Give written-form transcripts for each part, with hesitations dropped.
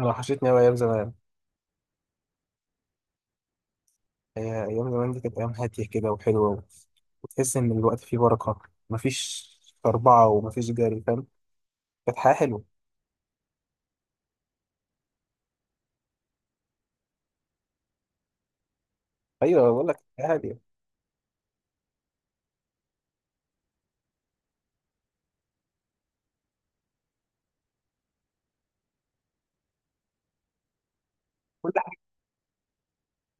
انا وحشتني قوي ايام زمان. هي ايام زمان دي كانت ايام هاديه كده وحلوه، وتحس ان الوقت فيه بركه. مفيش اربعه ومفيش جري، فاهم؟ كانت حياه حلوه. ايوه بقول لك، حياه هاديه. كل حاجه،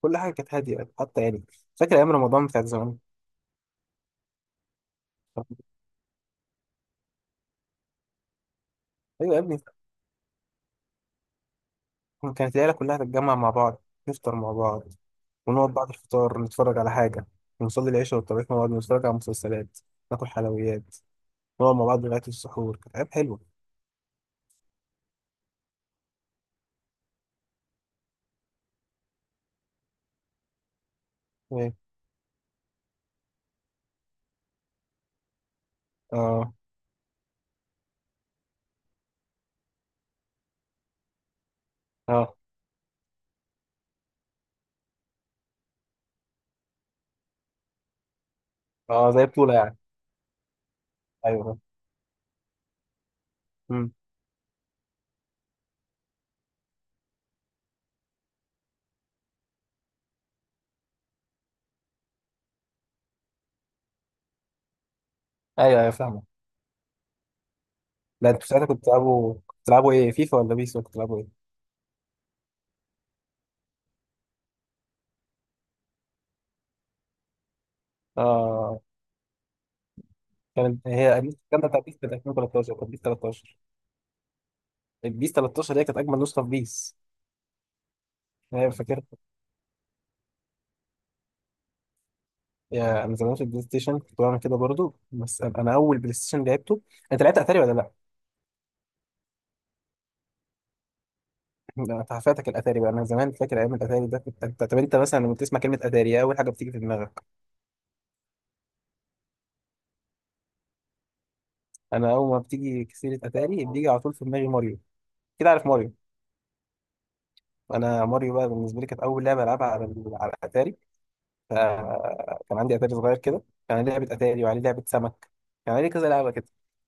كل حاجه كانت هاديه، حتى فاكر ايام رمضان بتاعت زمان. ايوه يا ابني، كانت العيله كلها تتجمع مع بعض، نفطر مع بعض، ونقعد بعد الفطار نتفرج على حاجه، ونصلي العشاء والتراويح مع بعض، ونتفرج على مسلسلات، ناكل حلويات، نقعد مع بعض لغايه السحور. كانت ايام حلوه. إيه؟ اه. اه. اه، زي بطوله يعني. ايوه. مم. ايوه ايوه، فاهمه. لا، انتوا ساعتها كنتوا بتلعبوا، ايه، فيفا ولا بيس؟ ولا كنتوا بتلعبوا ايه؟ اه، كانت هي النسخه الجامده بتاع بيس كانت 2013. كانت بيس 13، البيس 13 هي كانت اجمل نسخه في بيس. انا فاكر. يا انا زمان في البلاي ستيشن كنت بعمل كده برضو. بس انا اول بلاي ستيشن لعبته، انت لعبت اتاري ولا لا؟ لا، انت فاتك الاتاري بقى. انا زمان فاكر ايام الاتاري ده كنت- انت طب انت مثلا لما بتسمع كلمه اتاري، إيه اول حاجه بتيجي في دماغك؟ انا اول ما بتيجي سيره اتاري، بيجي على طول في دماغي ماريو. كده، عارف ماريو؟ انا ماريو بقى بالنسبه لي كانت اول لعبه العبها على، على الاتاري. فكان عندي اتاري صغير كده، كان عليه لعبه اتاري وعليه لعبه سمك، كان عليه كذا لعبه كده.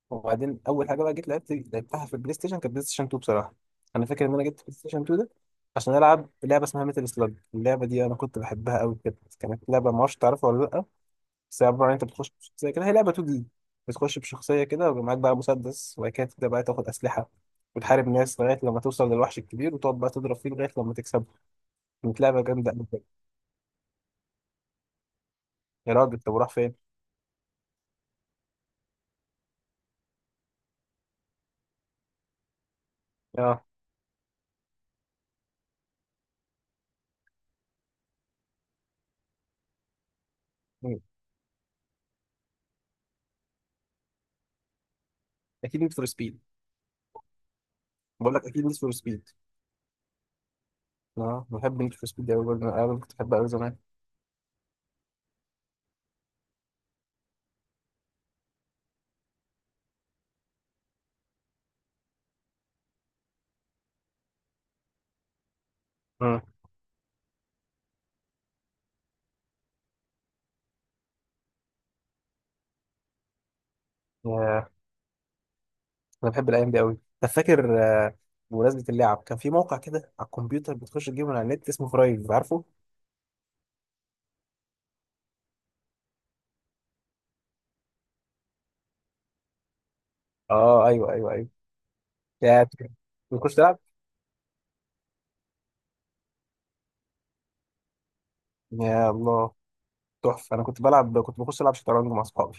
وبعدين اول حاجه بقى جيت لعبت لعبتها في البلاي ستيشن، كانت بلاي ستيشن 2 بصراحه. انا فاكر ان انا جبت بلاي ستيشن 2 ده عشان العب لعبه اسمها ميتال سلاج. اللعبه دي انا كنت بحبها قوي كده، كانت لعبه، ما اعرفش تعرفها ولا لا، بس هي عباره عن انت بتخش بشخصيه كده، هي لعبه 2 دي. بتخش بشخصيه كده ويبقى معاك بقى مسدس، وبعد كده تبدا بقى تاخد اسلحه وتحارب ناس لغايه لما توصل للوحش الكبير، وتقعد بقى تضرب فيه لغايه لما تكسبه. كانت لعبه جامده قوي. يا راجل، طب وراح فين؟ اه. اكيد نيد فور سبيد. بقول لك اكيد نيد فور سبيد. اه، بحب نيد فور سبيد قوي برضه، انا كنت بحبها قوي زمان. مم. ياه، انا بحب الايام دي قوي. طب فاكر؟ بمناسبه اللعب، كان في موقع كده على الكمبيوتر، بتخش تجيبه من على النت، اسمه فرايف، عارفه؟ اه ايوه ايوه ايوه. يا بتخش تلعب. يا الله، تحفه. انا كنت بلعب، كنت بخش العب شطرنج مع اصحابي.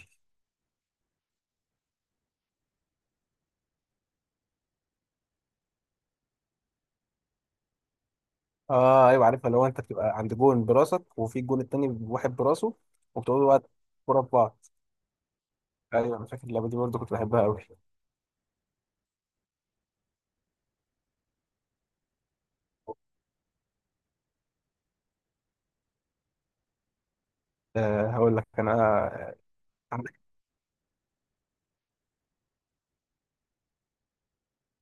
اه ايوه، عارفها. لو انت بتبقى عند جون براسك، وفي الجون التاني واحد براسه، وبتقعدوا بقى كوره في بعض. ايوه، انا فاكر اللعبه دي برضه، كنت بحبها قوي. أه، هقول لك انا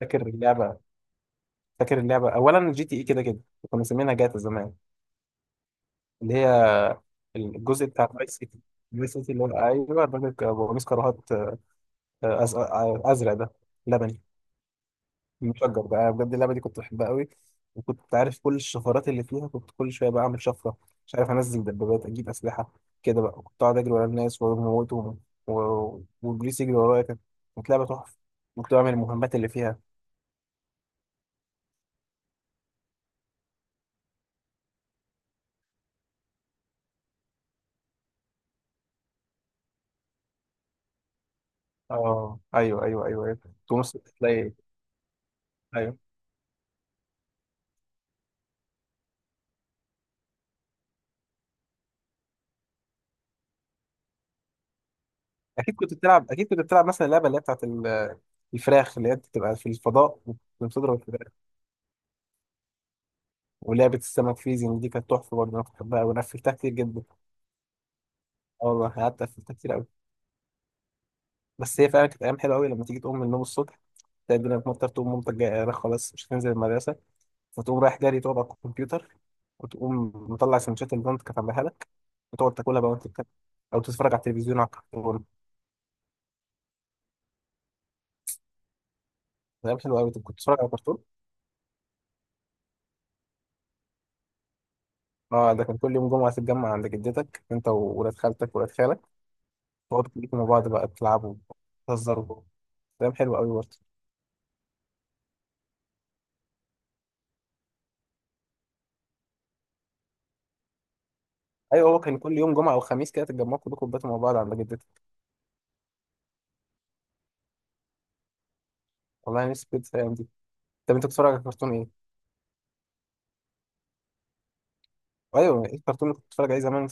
فاكر اللعبة، فاكر اللعبة أولا جي تي إي كده كده، كنا مسمينها جاتا زمان. اللي هي الجزء بتاع فايس سيتي. فايس سيتي، اللي هو أيوه الراجل أبو قميص كراهات. أزرق ده، لبني، مشجر بقى. أنا بجد اللعبة دي كنت بحبها قوي، وكنت عارف كل الشفرات اللي فيها. كنت كل شوية بقى أعمل شفرة، مش عارف أنزل دبابات، أجيب أسلحة. كده بقى كنت أقعد أجري ورا الناس وأموتهم، والبوليس يجري ورايا. كانت لعبة تحفة، كنت بعمل المهمات اللي فيها. اه ايوه ايوه ايوه ايوه. تونس تلاقي. ايوه. اكيد كنت بتلعب، اكيد كنت بتلعب مثلا اللعبه اللي هي بتاعت الفراخ، اللي هي بتبقى في الفضاء وبتضرب الفراخ. ولعبه السمك فيزينج دي، كانت تحفه برضه، انا كنت بحبها، وانا قفلتها كتير جدا. اه والله، قعدت قفلتها كتير قوي. بس هي فعلا كانت ايام حلوه قوي، لما تيجي تقوم من النوم الصبح، تلاقي الدنيا بتمطر، تقوم مامتك جايه "أنا خلاص مش هتنزل المدرسه"، فتقوم رايح جري تقعد على الكمبيوتر، وتقوم مطلع سندوتشات اللي مامتك كانت عاملاها لك، وتقعد تاكلها بقى، وانت بتاكل او تتفرج على التلفزيون، على الكرتون. كلام حلو قوي. كنت بتتفرج على كرتون. اه، ده كان كل يوم جمعه تتجمع عند جدتك، انت وولاد خالتك وولاد خالك، تقعدوا كلكم مع بعض بقى تلعبوا، تهزروا. كلام حلو قوي برضه. ايوه، هو كان كل يوم جمعه او خميس كده تتجمعوا كلكم، باتوا مع بعض عند جدتي. والله نفسي كنت في الايام دي. طب انت بتتفرج على كرتون ايه؟ ايوه، ايه الكرتون اللي كنت بتتفرج عليه زمان؟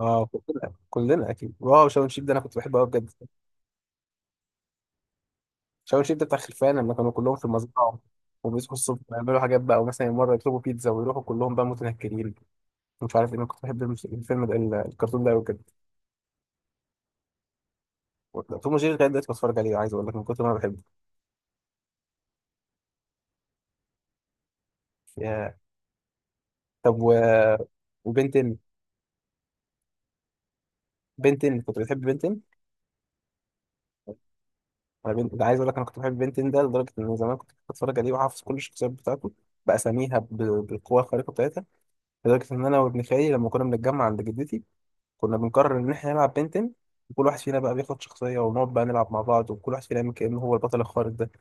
اه كلنا، كلنا اكيد. واو، شاون شيب ده انا كنت بحبه قوي بجد. شاون شيب ده بتاع خلفان، لما كانوا كلهم في المزرعه، وبيصحوا الصبح يعملوا حاجات بقى، ومثلا مره يطلبوا بيتزا ويروحوا كلهم بقى متنكرين. مش عارف ايه، انا كنت بحب الفيلم ده، الكرتون ده قوي بجد. توم وجيري لغايه دلوقتي بتفرج عليه، عايز اقول لك من كتر ما انا بحبه. يا. طب وبنتن بنتين. كنت بتحب بنتين؟ انا ده عايز اقول لك انا كنت بحب بنتين ده لدرجه ان زمان كنت بتفرج عليه وحافظ كل الشخصيات بتاعته، باساميها ب... بالقوه الخارقه بتاعتها. لدرجه ان انا وابن خالي لما كنا بنتجمع عند جدتي، كنا بنقرر ان احنا نلعب بنتين، وكل واحد فينا بقى بياخد شخصيه، ونقعد بقى نلعب مع بعض، وكل واحد فينا يعمل كانه هو البطل الخارق ده.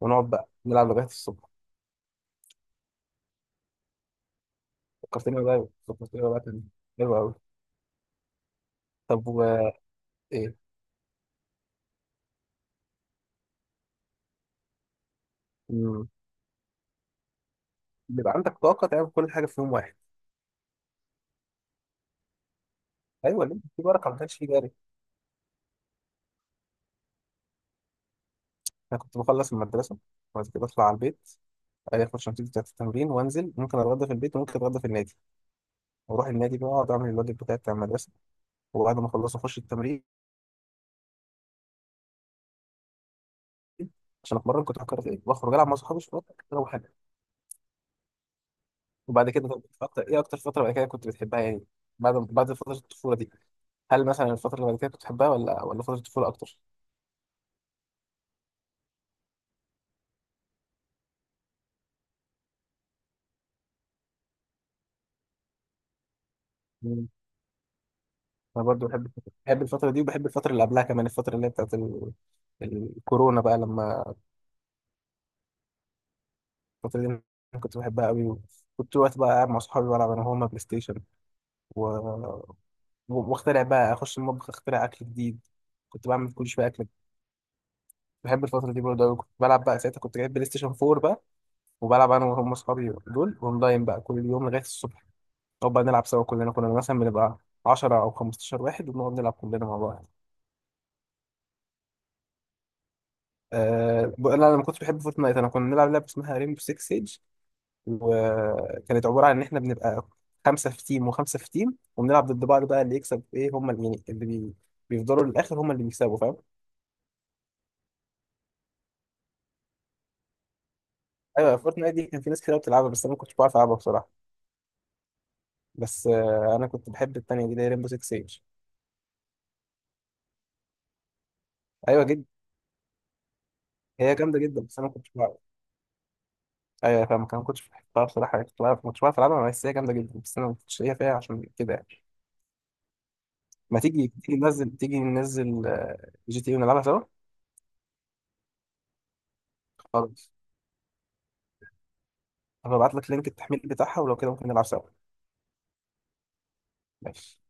ونقعد بقى نلعب لغايه الصبح. فكرتني بقى كان حلو قوي. طب و، ايه، مم، بيبقى عندك طاقه تعمل كل حاجه في يوم واحد. ايوه، ليه في بركه، ما كانش في جري. انا كنت بخلص المدرسه، وبعد كده بطلع على البيت عادي، اخش نتيجتي بتاعت التمرين وانزل، ممكن اتغدى في البيت وممكن اتغدى في النادي، واروح النادي بقى اقعد اعمل الواجب بتاعي بتاع المدرسه، وبعد ما اخلص اخش التمرين عشان اتمرن. كنت بفكر في ايه؟ واخرج العب مع صحابي شويه، اروح حاجه. وبعد كده طب ايه اكتر فتره بعد كده كنت بتحبها يعني، بعد فتره الطفوله دي؟ هل مثلا الفتره اللي بعد كده كنت بتحبها، ولا فتره الطفوله اكتر؟ مم. انا برضو بحب، بحب الفتره دي، وبحب الفتره اللي قبلها كمان، الفتره اللي هي بتاعت الكورونا بقى لما، الفتره دي أنا كنت بحبها قوي. كنت وقت بقى قاعد مع صحابي بلعب انا وهما بلاي ستيشن، و... واخترع بقى، اخش المطبخ اخترع اكل جديد، كنت بعمل كل شويه اكل. بحب الفتره دي برضه أوي. كنت بلعب بقى، ساعتها كنت جايب بلاي ستيشن 4 بقى، وبلعب انا وهم اصحابي دول اونلاين بقى كل يوم لغايه الصبح، نقعد بقى نلعب سوا كلنا. كنا مثلا بنبقى 10 او 15 واحد، وبنقعد نلعب كلنا مع بعض. أه انا لما كنت بحب فورتنايت، انا كنا بنلعب لعبه اسمها ريمبو 6 سيج، وكانت عباره عن ان احنا بنبقى خمسه في تيم وخمسه في تيم، وبنلعب ضد بعض بقى. اللي يكسب، ايه هم اللي، يعني بيفضلوا للاخر هم اللي بيكسبوا. ايوه، فورتنايت دي كان في ناس كتير بتلعبها، بس انا ما كنتش بعرف العبها بصراحه. بس آه، انا كنت بحب التانية دي اللي هي ريمبو 6 سيج. ايوه جدا، هي جامده جدا، بس انا ما كنتش بعرف. ايوه فاهم، ما كنتش بحبها بصراحه يعني. كنت بعرف، ما كنتش بعرف العبها، بس هي جامده جدا، بس انا ما كنتش ليا فيها عشان كده يعني. ما تيجي، تيجي ننزل جي تي إيه ونلعبها سوا. خلاص، هبعت لك لينك التحميل بتاعها، ولو كده ممكن نلعب سوا. ماشي.